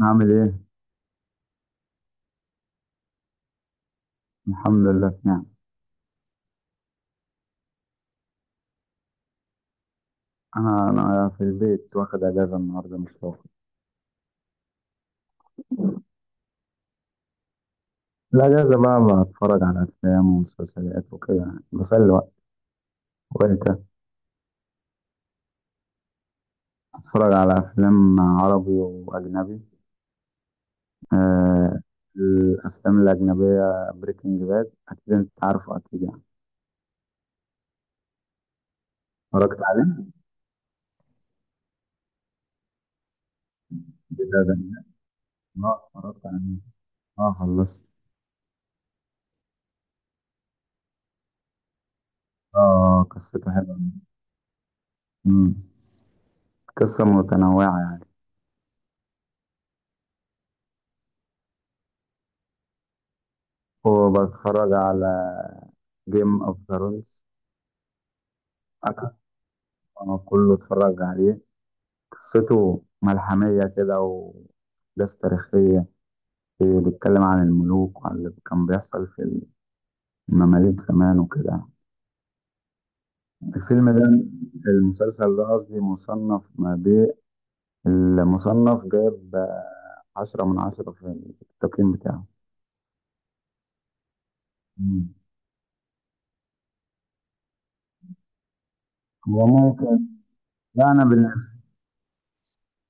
عامل ايه؟ الحمد لله، في نعم. انا في البيت واخد اجازه النهارده، مش فاضي. الاجازه بقى بتفرج على افلام ومسلسلات وكده، يعني بسلي وقت. وانت؟ بتفرج على افلام عربي واجنبي. آه. الافلام الاجنبيه بريكنج باد، اكيد انت عارفه، اكيد يعني. اتفرجت عليه؟ ده اه، اتفرجت عليه. اه، خلصت. اه، قصته حلوه. مم. قصه متنوعه يعني. وبتفرج على جيم اوف ثرونز. آه، كله اتفرج عليه. قصته ملحمية كده، وأحداث تاريخية. إيه، بيتكلم عن الملوك وعن اللي كان بيحصل في المماليك زمان وكده. الفيلم ده، المسلسل ده قصدي، مصنف ما بين، المصنف جايب 10 من 10 في التقييم بتاعه. مم. هو ممكن. لا أنا بالنسبة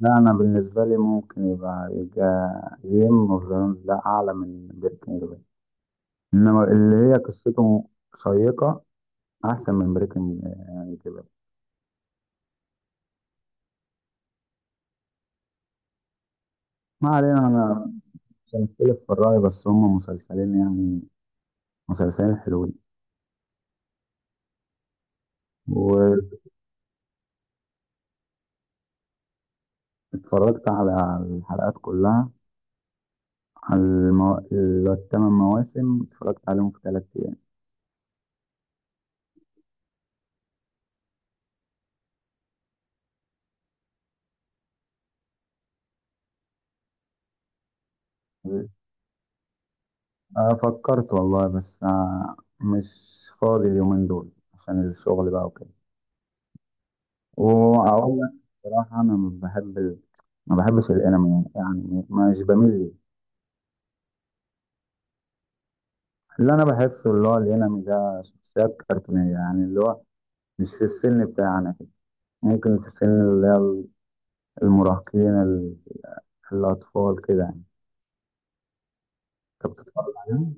لا، أنا بالنسبة لي ممكن يبقى جيم أوف ثرونز لا أعلى من بريكنج باد، إنما اللي هي قصته شيقة، احسن من بريكنج يعني كده. ما علينا، انا مش هنختلف في الرأي، بس هم مسلسلين يعني، مسلسلين حلوين. واتفرجت على الحلقات كلها، على الـ8 مواسم، اتفرجت عليهم في 3 ايام. آه، فكرت والله، بس مش فاضي اليومين دول عشان الشغل بقى وكده. واقول لك بصراحة، انا ما بحبش الانمي، يعني مش بميل ليه. اللي انا بحسه، اللي هو الانمي ده شخصيات كرتونية، يعني اللي هو مش في السن بتاعنا كده. ممكن في سن اللي هي المراهقين، الأطفال كده يعني. أنت بتتفرج عليهم؟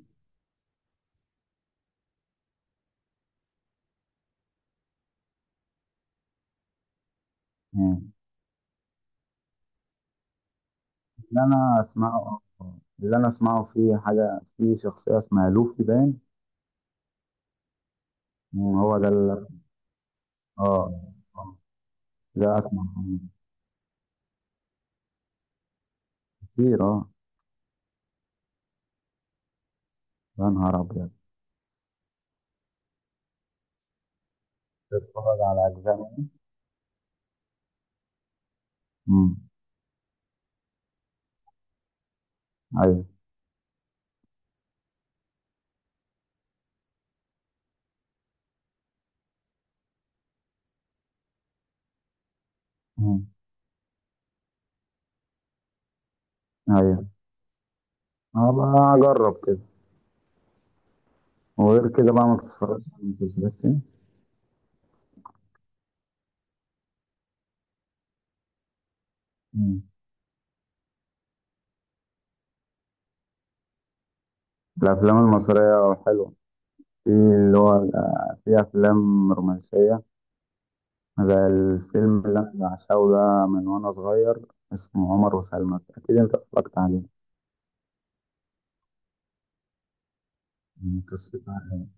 يعني اللي أنا أسمعه اللي أنا أسمعه في حاجة، في شخصية اسمها لوفي باين. مم، هو ده اللي، آه. آه. ده أسمع عنه كتير، آه. يا نهار أبيض. بتتفرج على أجزاء منه؟ مم. أيوه. مم. أيوه، هبقى أجرب كده. وغير كده بقى ما بتتفرجش على المسلسلات كده؟ الأفلام المصرية حلوة. في اللي هو في أفلام رومانسية، زي الفيلم اللي أنا بعشقه ده من وأنا صغير. اسمه عمر وسلمى، أكيد أنت اتفرجت عليه. مم، قصته عن إيه؟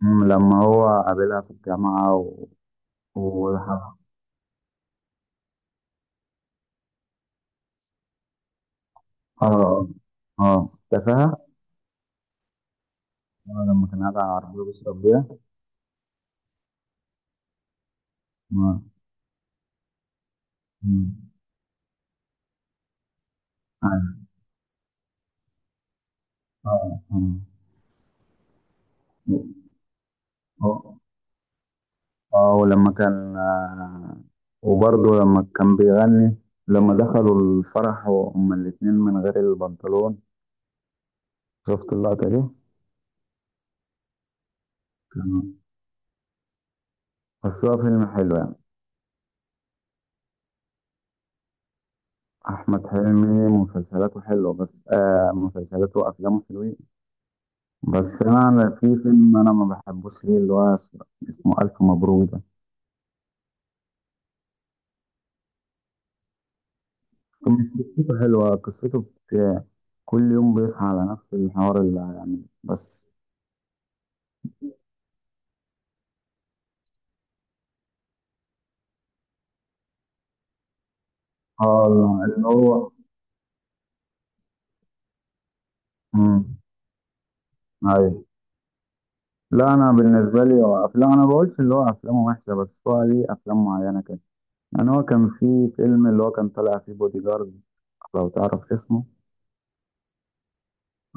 مم، لما هو قابلها في الجامعة آه. آه. آه، تفاهة. آه، لما كان قاعد على العربية بيشرب بيها. آه. مم. أيوة. آه. آه. اه، ولما كان، وبرضه لما كان بيغني، لما دخلوا الفرح وهما الاتنين من غير البنطلون. شفت اللقطة دي؟ كان- بس هو فيلم حلو يعني. أحمد حلمي مسلسلاته حلوة، بس مسلسلاته وأفلامه حلوين. بس أنا في فيلم أنا ما بحبوش ليه، اللي هو اسمه، اسمه ألف مبروك ده. فيلم قصته حلوة، قصته بت- كل يوم بيصحى على نفس الحوار، اللي يعني بس. اه، اللي هو. مم. أيوه. لا، انا بالنسبه لي هو افلام، انا بقولش اللي هو افلامه وحشه، بس هو ليه افلام معينه كده يعني. هو كان في فيلم اللي هو كان طالع فيه بودي جارد، لو تعرف اسمه.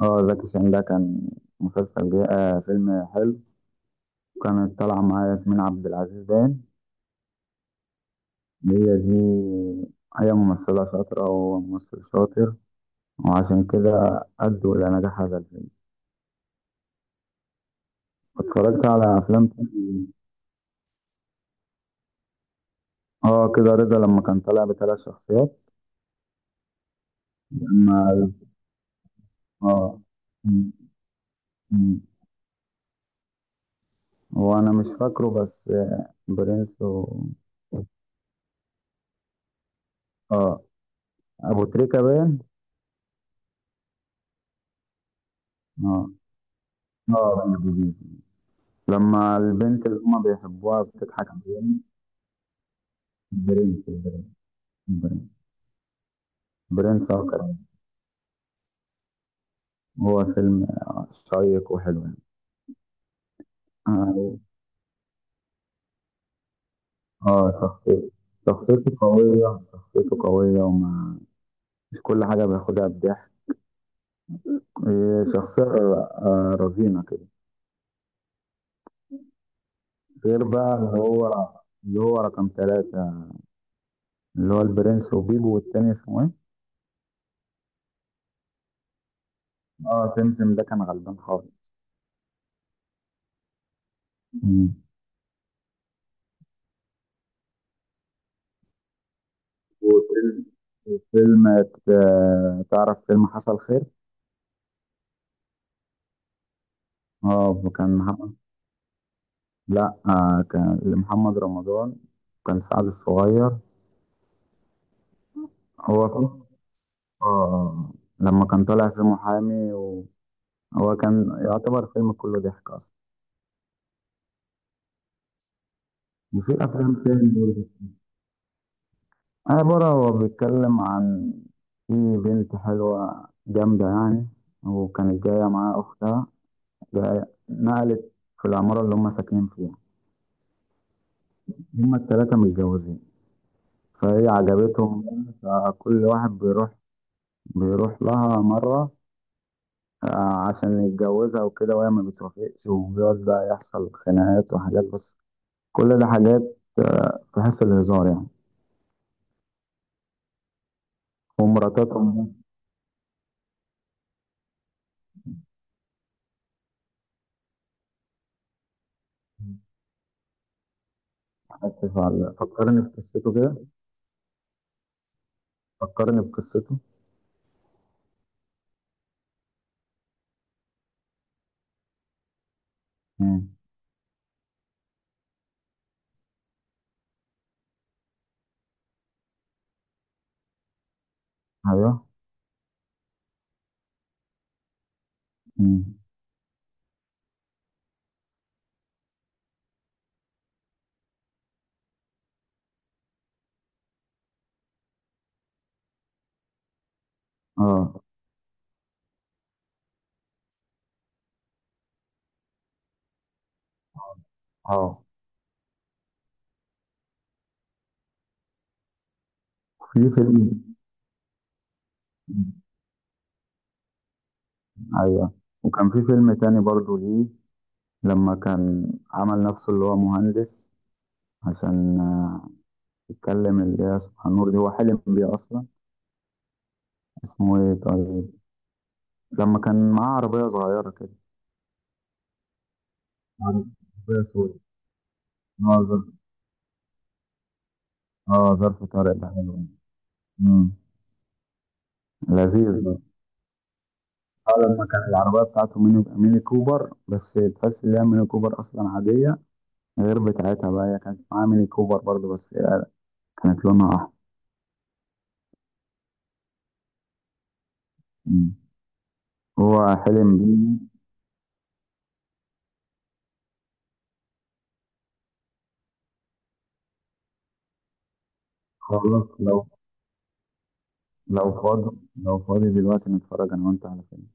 اه، زكي شان. ده كان مسلسل جاي، فيلم حلو. كانت طالعه معاه ياسمين عبد العزيز باين. هي دي، هي ممثله شاطره وهو ممثل شاطر، وعشان كده ادوا الى نجاح هذا الفيلم. اتفرجت على افلام تاني. اه، كده رضا. لما كان طالع بـ3 شخصيات. لما اه هو انا مش فاكره، بس برنس اه. ابو تريكة باين. اه. اه، بني جديد، لما البنت اللي هما بيحبوها بتضحك عليهم. برنس برنس. برنس. برنس، آه، كان. هو فيلم آه، شيق وحلو يعني. اه. آه، شخصيته، شخصيته قوية مش كل حاجة بياخدها بضحك. إيه، شخصية رزينة كده. غير بقى اللي هو، اللي هو رقم 3، اللي هو البرنس وبيبو والتاني اسمه إيه؟ اه، تمتم ده كان غلبان خالص. مم. وفيلم، فيلم، آه، تعرف فيلم حصل خير؟ اه، كان محمد، لا، كان محمد رمضان، كان سعد الصغير. هو فيلم، اه، لما كان طالع في محامي، وهو كان يعتبر فيلم كله ضحك اصلا. وفي افلام تاني برضه. عبارة هو بيتكلم عن، في بنت حلوة جامدة يعني، وكانت جاية معاها أختها نقلت في العمارة اللي هم ساكنين فيها. هم التلاتة متجوزين، فهي عجبتهم. بقى، فكل واحد بيروح، بيروح لها مرة عشان يتجوزها وكده، وهي ما بتوافقش، وبيقعد بقى يحصل خناقات وحاجات. بس كل ده حاجات في حس الهزار يعني. ومراتاتهم. آسف على، فكرني في قصته كده، فكرني بقصته. مم. ايوه. مم. اه. اه. في فيلم. ايوه، وكان في فيلم تاني برضو ليه، لما كان عمل نفسه اللي هو مهندس عشان يتكلم اللي هي سبحان النور دي، هو حلم بيه أصلا. اسمه إيه طيب؟ لما كان معاه عربية صغيرة كده. عربية سوري، اه، ظرف. اه، ظرف طارق ده حلو. أمم. لذيذ ده. اه، لما كان العربية بتاعته ميني كوبر، بس تحس إن هي ميني كوبر أصلا عادية، غير بتاعتها بقى. هي كانت معاه ميني كوبر برضه، بس كانت لونها أحمر. أمم. هو حلم بيه. خلاص. لو فاضي لو فاضي دلوقتي نتفرج انا وانت على فيلم.